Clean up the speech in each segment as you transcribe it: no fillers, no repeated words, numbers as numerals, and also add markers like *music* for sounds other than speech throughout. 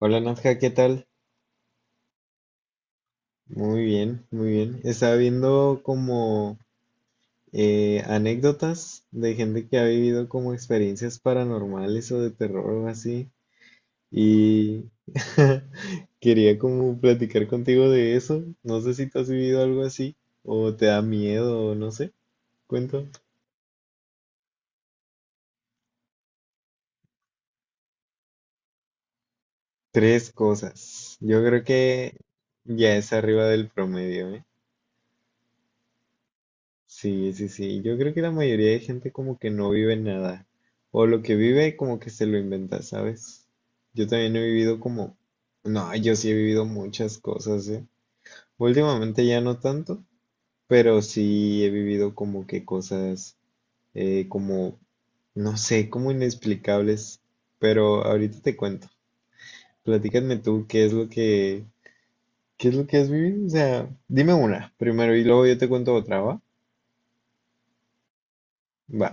Hola Nadja, ¿qué tal? Muy bien, muy bien. Estaba viendo como anécdotas de gente que ha vivido como experiencias paranormales o de terror o así. Y *laughs* quería como platicar contigo de eso. No sé si tú has vivido algo así o te da miedo o no sé. Cuento. Tres cosas. Yo creo que ya es arriba del promedio, ¿eh? Sí, sí, sí. Yo creo que la mayoría de gente como que no vive nada. O lo que vive como que se lo inventa, ¿sabes? Yo también he vivido como... No, yo sí he vivido muchas cosas, ¿eh? Últimamente ya no tanto, pero sí he vivido como que cosas como, no sé, como inexplicables. Pero ahorita te cuento. Platícame tú qué es lo que, qué es lo que has vivido. O sea, dime una primero y luego yo te cuento otra, ¿va? Va.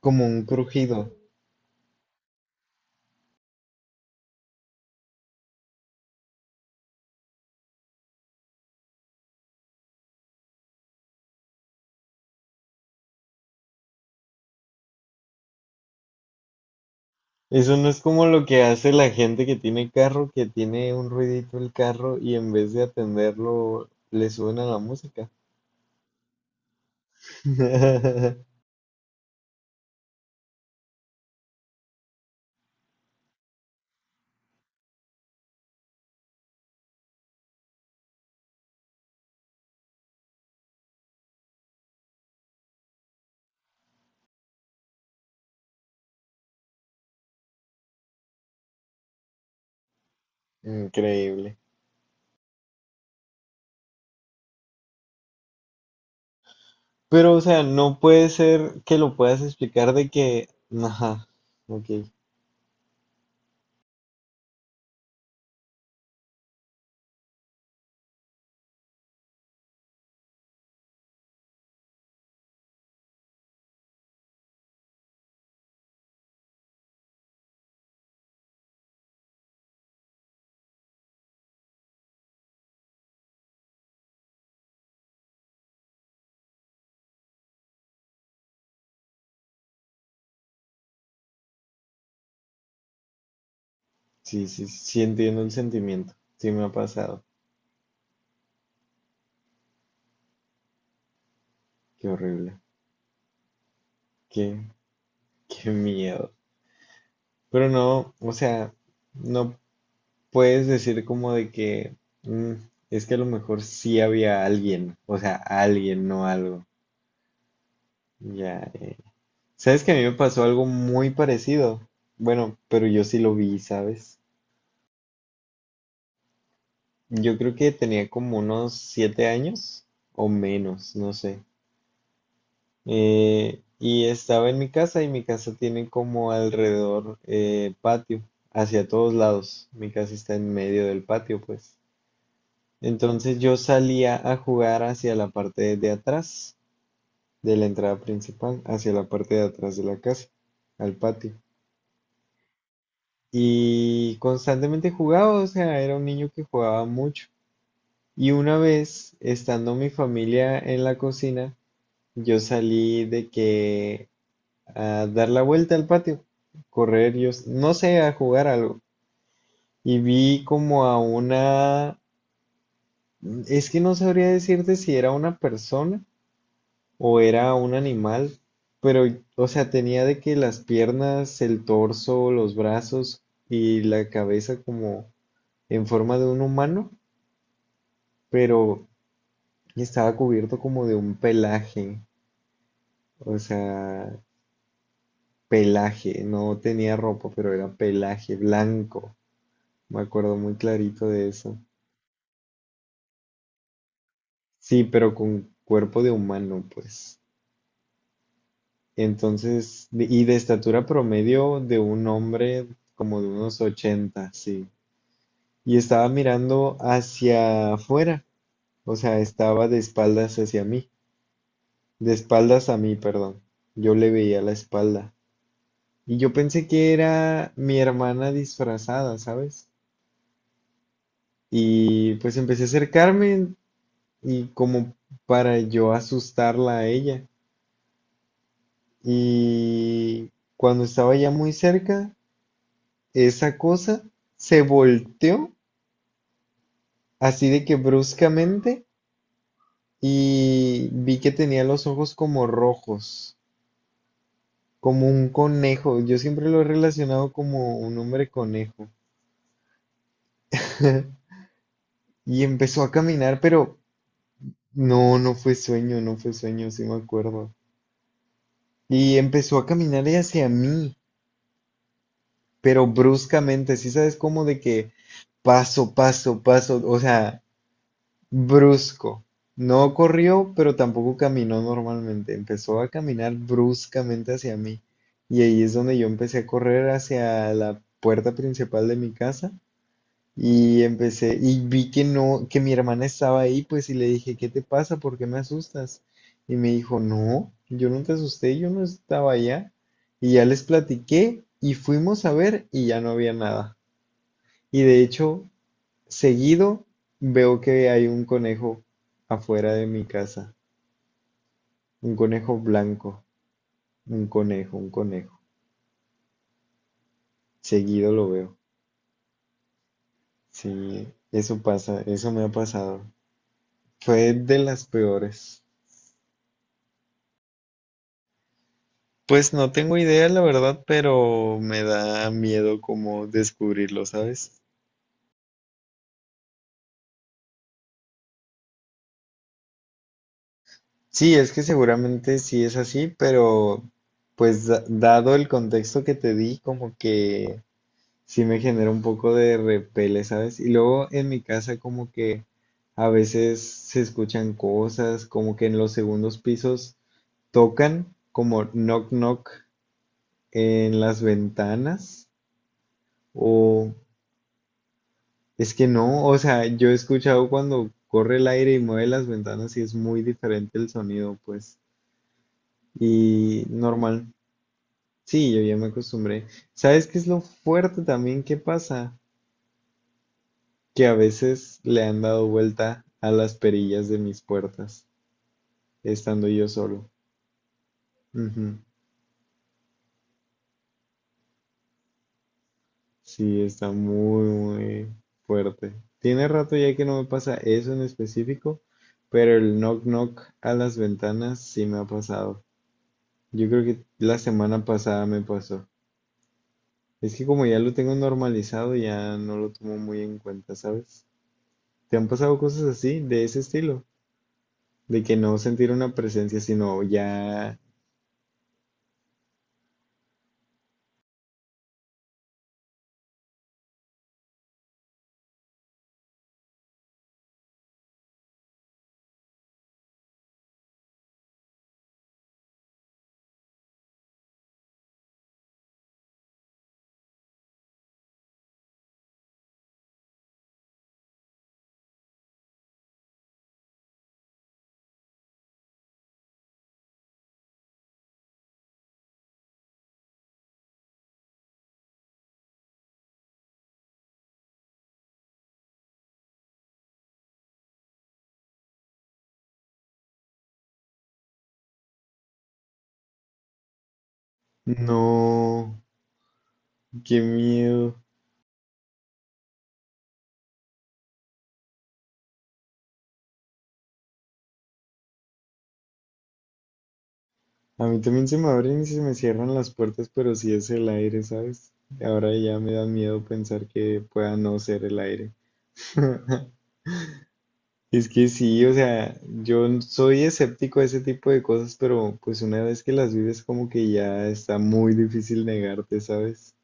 Como un crujido. Eso no es como lo que hace la gente que tiene carro, que tiene un ruidito el carro y en vez de atenderlo le suben a la música. *laughs* Increíble. Pero, o sea, no puede ser que lo puedas explicar de que, ajá, ok, sí, sí, sí entiendo el sentimiento, sí me ha pasado, qué horrible, qué, qué miedo. Pero no, o sea, no puedes decir como de que "Mm, es que a lo mejor sí había alguien, o sea, alguien, no algo. Ya, eh. ¿Sabes que a mí me pasó algo muy parecido? Bueno, pero yo sí lo vi, ¿sabes? Yo creo que tenía como unos 7 años o menos, no sé. Y estaba en mi casa y mi casa tiene como alrededor patio, hacia todos lados. Mi casa está en medio del patio, pues. Entonces yo salía a jugar hacia la parte de atrás de la entrada principal, hacia la parte de atrás de la casa, al patio. Y constantemente jugaba, o sea, era un niño que jugaba mucho. Y una vez, estando mi familia en la cocina, yo salí de que a dar la vuelta al patio, correr, no sé, a jugar algo. Y vi como a una, es que no sabría decirte si era una persona o era un animal, pero, o sea, tenía de que las piernas, el torso, los brazos y la cabeza como en forma de un humano, pero estaba cubierto como de un pelaje, o sea, pelaje, no tenía ropa, pero era pelaje blanco, me acuerdo muy clarito de eso. Sí, pero con cuerpo de humano, pues. Entonces, y de estatura promedio de un hombre como de unos 80 sí. Y estaba mirando hacia afuera, o sea, estaba de espaldas hacia mí, de espaldas a mí, perdón. Yo le veía la espalda y yo pensé que era mi hermana disfrazada, ¿sabes? Y pues empecé a acercarme y como para yo asustarla a ella. Y cuando estaba ya muy cerca, esa cosa se volteó así de que bruscamente y vi que tenía los ojos como rojos. Como un conejo, yo siempre lo he relacionado como un hombre conejo. *laughs* Y empezó a caminar, pero no, no fue sueño, no fue sueño, sí me acuerdo. Y empezó a caminar hacia mí, pero bruscamente, sí sabes cómo de que paso, paso, paso, o sea, brusco. No corrió, pero tampoco caminó normalmente. Empezó a caminar bruscamente hacia mí. Y ahí es donde yo empecé a correr hacia la puerta principal de mi casa. Y empecé, y vi que no, que mi hermana estaba ahí, pues, y le dije, ¿qué te pasa? ¿Por qué me asustas? Y me dijo, no, yo no te asusté, yo no estaba allá. Y ya les platiqué y fuimos a ver y ya no había nada. Y de hecho, seguido veo que hay un conejo afuera de mi casa, un conejo blanco, un conejo, un conejo. Seguido lo veo. Sí, eso pasa, eso me ha pasado. Fue de las peores. Pues no tengo idea, la verdad, pero me da miedo como descubrirlo, ¿sabes? Sí, es que seguramente sí es así, pero pues dado el contexto que te di, como que sí me genera un poco de repele, ¿sabes? Y luego en mi casa como que a veces se escuchan cosas, como que en los segundos pisos tocan como knock knock en las ventanas o. Es que no, o sea, yo he escuchado cuando corre el aire y mueve las ventanas y es muy diferente el sonido, pues. Y normal, sí, yo ya me acostumbré. ¿Sabes qué es lo fuerte también que pasa? Que a veces le han dado vuelta a las perillas de mis puertas, estando yo solo. Ujú. Sí, está muy, muy fuerte. Tiene rato ya que no me pasa eso en específico, pero el knock knock a las ventanas sí me ha pasado. Yo creo que la semana pasada me pasó. Es que como ya lo tengo normalizado, ya no lo tomo muy en cuenta, ¿sabes? ¿Te han pasado cosas así, de ese estilo? De que no sentir una presencia, sino ya... No, qué miedo. A mí también se me abren y se me cierran las puertas, pero sí es el aire, ¿sabes? Ahora ya me da miedo pensar que pueda no ser el aire. *laughs* Es que sí, o sea, soy escéptico a ese tipo de cosas, pero pues una vez que las vives como que ya está muy difícil negarte, ¿sabes?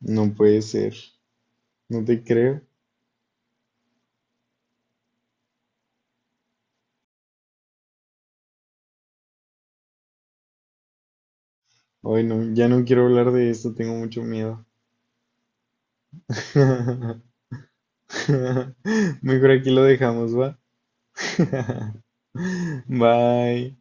No puede ser, no te creo. Ay, no, ya no quiero hablar de esto, tengo mucho miedo. *laughs* Mejor aquí lo dejamos, ¿va? *laughs* Bye.